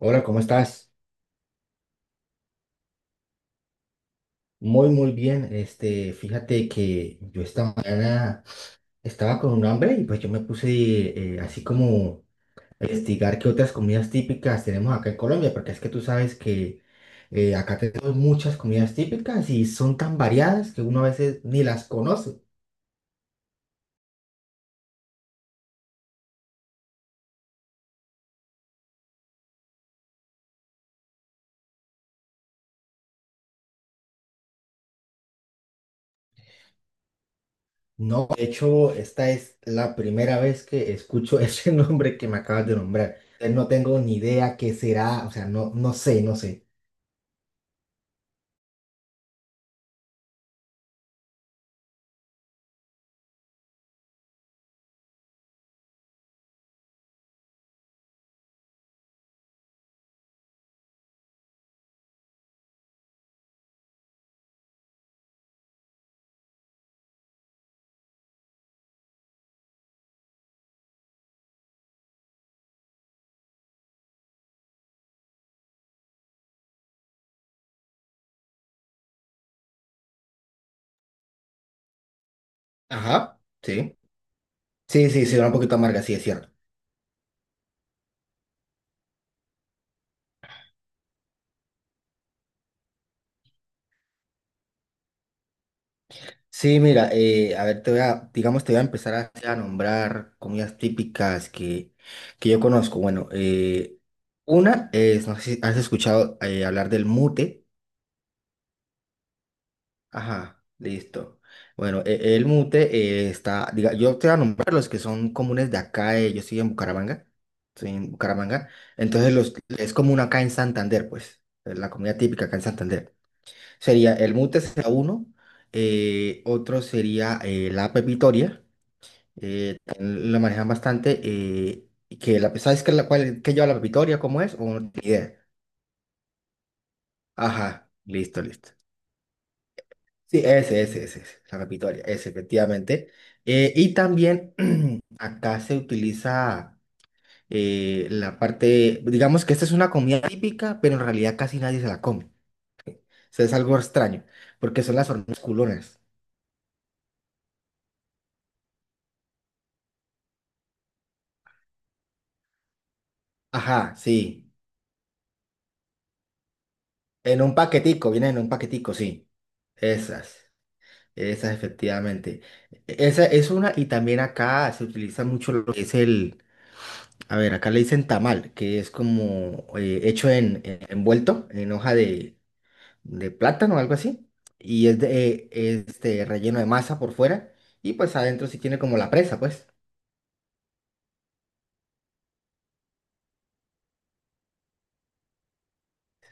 Hola, ¿cómo estás? Muy bien. Este, fíjate que yo esta mañana estaba con un hambre y pues yo me puse así como a investigar qué otras comidas típicas tenemos acá en Colombia, porque es que tú sabes que acá tenemos muchas comidas típicas y son tan variadas que uno a veces ni las conoce. No, de hecho, esta es la primera vez que escucho ese nombre que me acabas de nombrar. No tengo ni idea qué será, o sea, no sé, no sé. Ajá, sí. Sí, sí, sí, va un poquito amarga, sí, es cierto. Sí, mira, a ver, te voy a, digamos, te voy a empezar a nombrar comidas típicas que yo conozco. Bueno, una es, no sé si has escuchado hablar del mute. Ajá, listo. Bueno, el mute está, diga, yo te voy a nombrar los que son comunes de acá, yo estoy en Bucaramanga, estoy en Bucaramanga. Entonces, los, es común acá en Santander, pues, es la comida típica acá en Santander. Sería el MUTES a uno, otro sería la app Vitoria, también la manejan bastante, que la, ¿sabes qué, la, cuál, qué lleva la app Vitoria? ¿Cómo es? ¿O no tienes idea? Ajá, listo, listo. Sí, ese, la app Vitoria, ese, efectivamente. Y también acá se utiliza la parte, digamos que esta es una comida típica, pero en realidad casi nadie se la come. O sea, es algo extraño, porque son las hormigas culonas. Ajá, sí. En un paquetico, vienen en un paquetico, sí. Esas, esas efectivamente. E, esa es una, y también acá se utiliza mucho lo que es el, a ver, acá le dicen tamal, que es como hecho en, envuelto en hoja de plátano o algo así, y es de, este, relleno de masa por fuera, y pues adentro sí tiene como la presa, pues.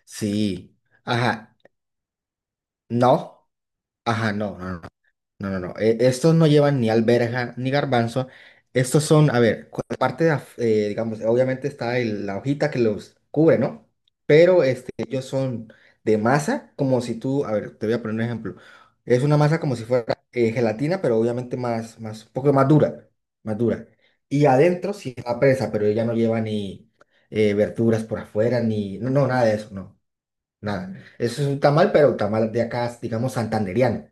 Sí, ajá, no, ajá, no. No. Estos no llevan ni alberja ni garbanzo. Estos son, a ver, aparte de, digamos, obviamente está la hojita que los cubre, ¿no? Pero este, ellos son de masa, como si tú, a ver, te voy a poner un ejemplo. Es una masa como si fuera gelatina, pero obviamente más, un poco más dura, más dura. Y adentro sí está presa, pero ella no lleva ni verduras por afuera, ni, no, no, nada de eso, no, nada. Eso es un tamal, pero tamal de acá, digamos, santandereano.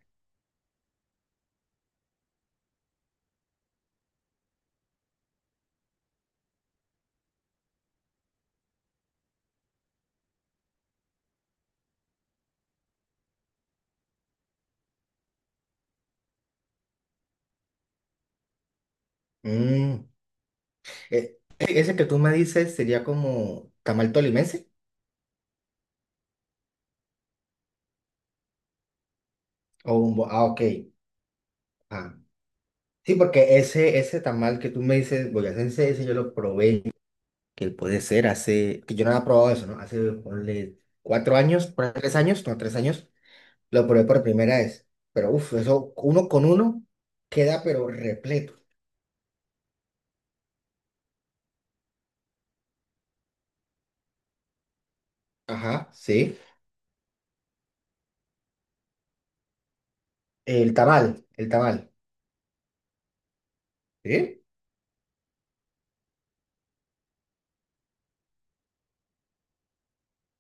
Mm. Ese que tú me dices sería como tamal tolimense o un ah, ok. Ah, sí, porque ese tamal que tú me dices, boyacense, ese yo lo probé, que puede ser hace, que yo no había probado eso, ¿no? Hace, ponle, cuatro años, por ahí, tres años, no, tres años, lo probé por primera vez. Pero uff, eso uno con uno queda pero repleto. Ajá, sí. El tamal, el tamal. ¿Sí?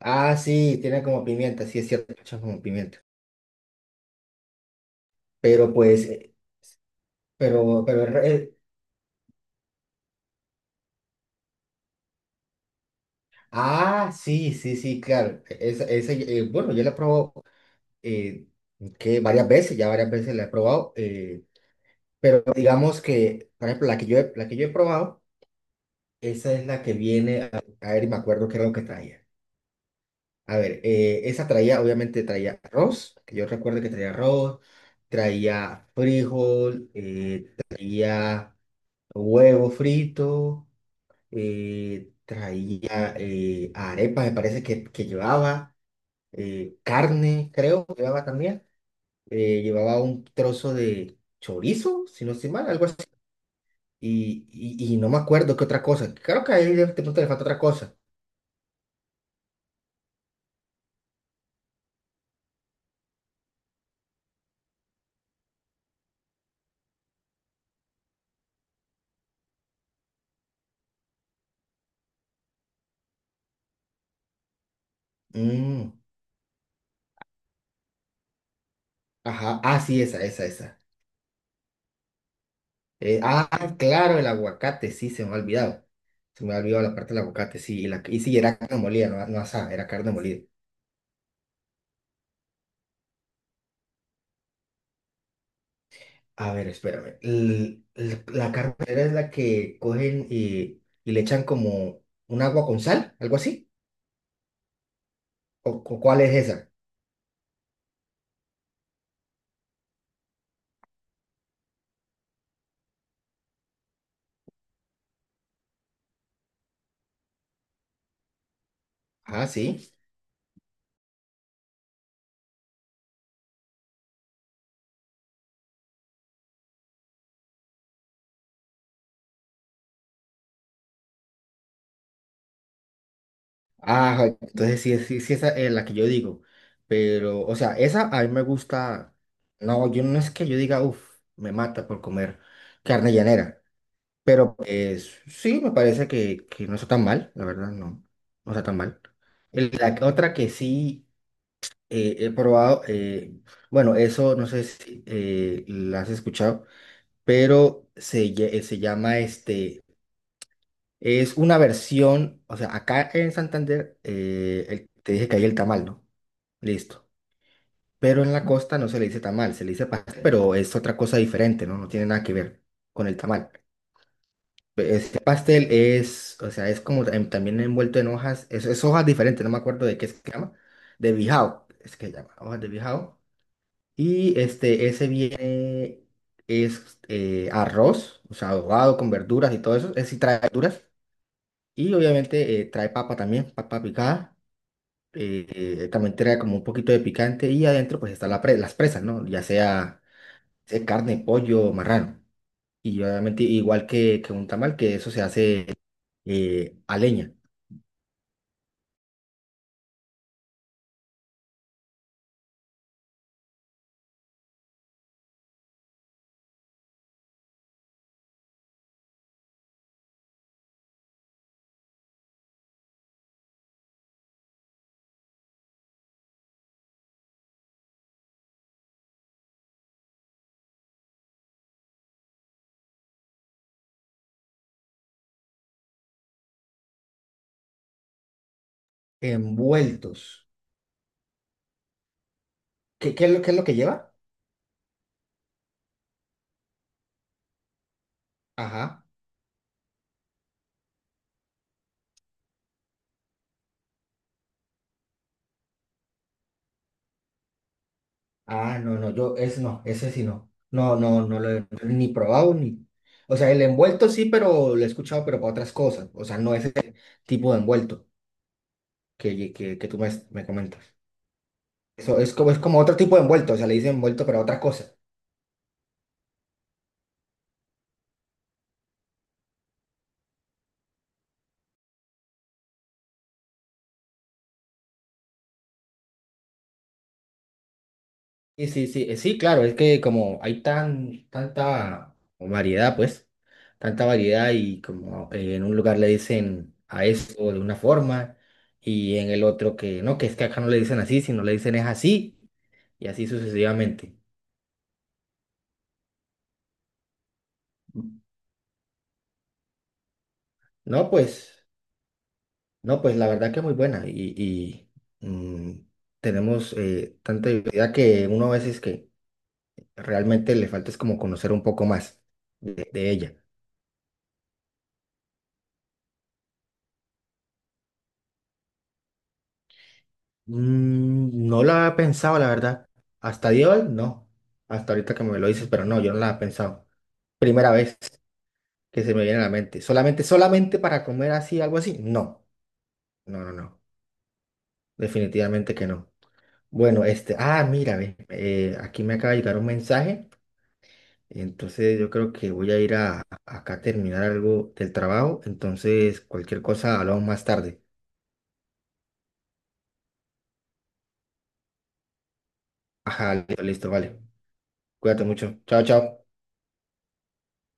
Ah, sí, tiene como pimienta, sí es cierto, echa como pimienta. Pero pues, pero el, ah, sí, sí, sí, claro. Esa, bueno, yo la he probado eh, que varias veces, ya varias veces la he probado, pero digamos que, por ejemplo, la que yo he probado, esa es la que viene, a ver, y me acuerdo qué era lo que traía. A ver, esa traía, obviamente traía arroz, que yo recuerdo que traía arroz, traía frijol, traía huevo frito, traía arepas, me parece que llevaba. Eh, carne, creo, llevaba también. Eh, llevaba un trozo de chorizo, si no estoy mal, algo así. Y, y no me acuerdo qué otra cosa. Claro que ahí de pronto le falta otra cosa. Mm, ajá, ah, sí, esa. Ah, claro, el aguacate, sí, se me ha olvidado. Se me ha olvidado la parte del aguacate, sí. Y, la, y sí, era carne molida, no, no asada, era carne molida. A ver, espérame. La carne molida es la que cogen y le echan como un agua con sal, algo así. O cuál es esa? Ah, sí. Ah, entonces sí, sí, sí, esa es la que yo digo. Pero, o sea, esa a mí me gusta. No, yo no es que yo diga, uff, me mata por comer carne llanera. Pero pues sí, me parece que no está tan mal, la verdad, no. No está tan mal. La otra que sí he probado, bueno, eso no sé si la has escuchado, pero se, se llama este. Es una versión, o sea, acá en Santander te dije que hay el tamal, ¿no? Listo. Pero en la costa no se le dice tamal, se le dice pastel, pero es otra cosa diferente, ¿no? No tiene nada que ver con el tamal. Este pastel es, o sea, es como también envuelto en hojas, es hojas diferentes, no me acuerdo de qué se llama, de bijao, es que se llama, hojas de bijao. Y este, ese viene, es arroz, o sea, ahogado con verduras y todo eso, es si trae verduras. Y obviamente trae papa también, papa picada. eh, también trae como un poquito de picante y adentro pues están las presas, ¿no? Ya sea, sea carne, pollo, marrano. Y obviamente igual que un tamal, que eso se hace a leña. Envueltos. ¿Qué, qué es lo que lleva? Ajá. Ah, no, no, yo, ese no, ese sí no. No lo he ni probado ni... O sea, el envuelto sí, pero lo he escuchado, pero para otras cosas. O sea, no ese tipo de envuelto que tú me comentas. Eso es como otro tipo de envuelto, o sea, le dicen envuelto para otra cosa. Sí, sí, sí, sí, claro, es que como hay tanta variedad, pues, tanta variedad y como en un lugar le dicen a eso de una forma y en el otro que no, que es que acá no le dicen así, sino le dicen es así y así sucesivamente. No, pues, no, pues la verdad que muy buena y mm, tenemos tanta diversidad que uno a veces que realmente le falta es como conocer un poco más de ella. Mm, no la había pensado, la verdad. Hasta dios no. Hasta ahorita que me lo dices, pero no, yo no la he pensado. Primera vez que se me viene a la mente. Solamente para comer así, algo así. No, no. Definitivamente que no. Bueno, este, ah, mira, ve, aquí me acaba de llegar un mensaje. Entonces yo creo que voy a ir acá a terminar algo del trabajo. Entonces, cualquier cosa, hablamos más tarde. Ajá, listo, listo, vale. Cuídate mucho. Chao, chao.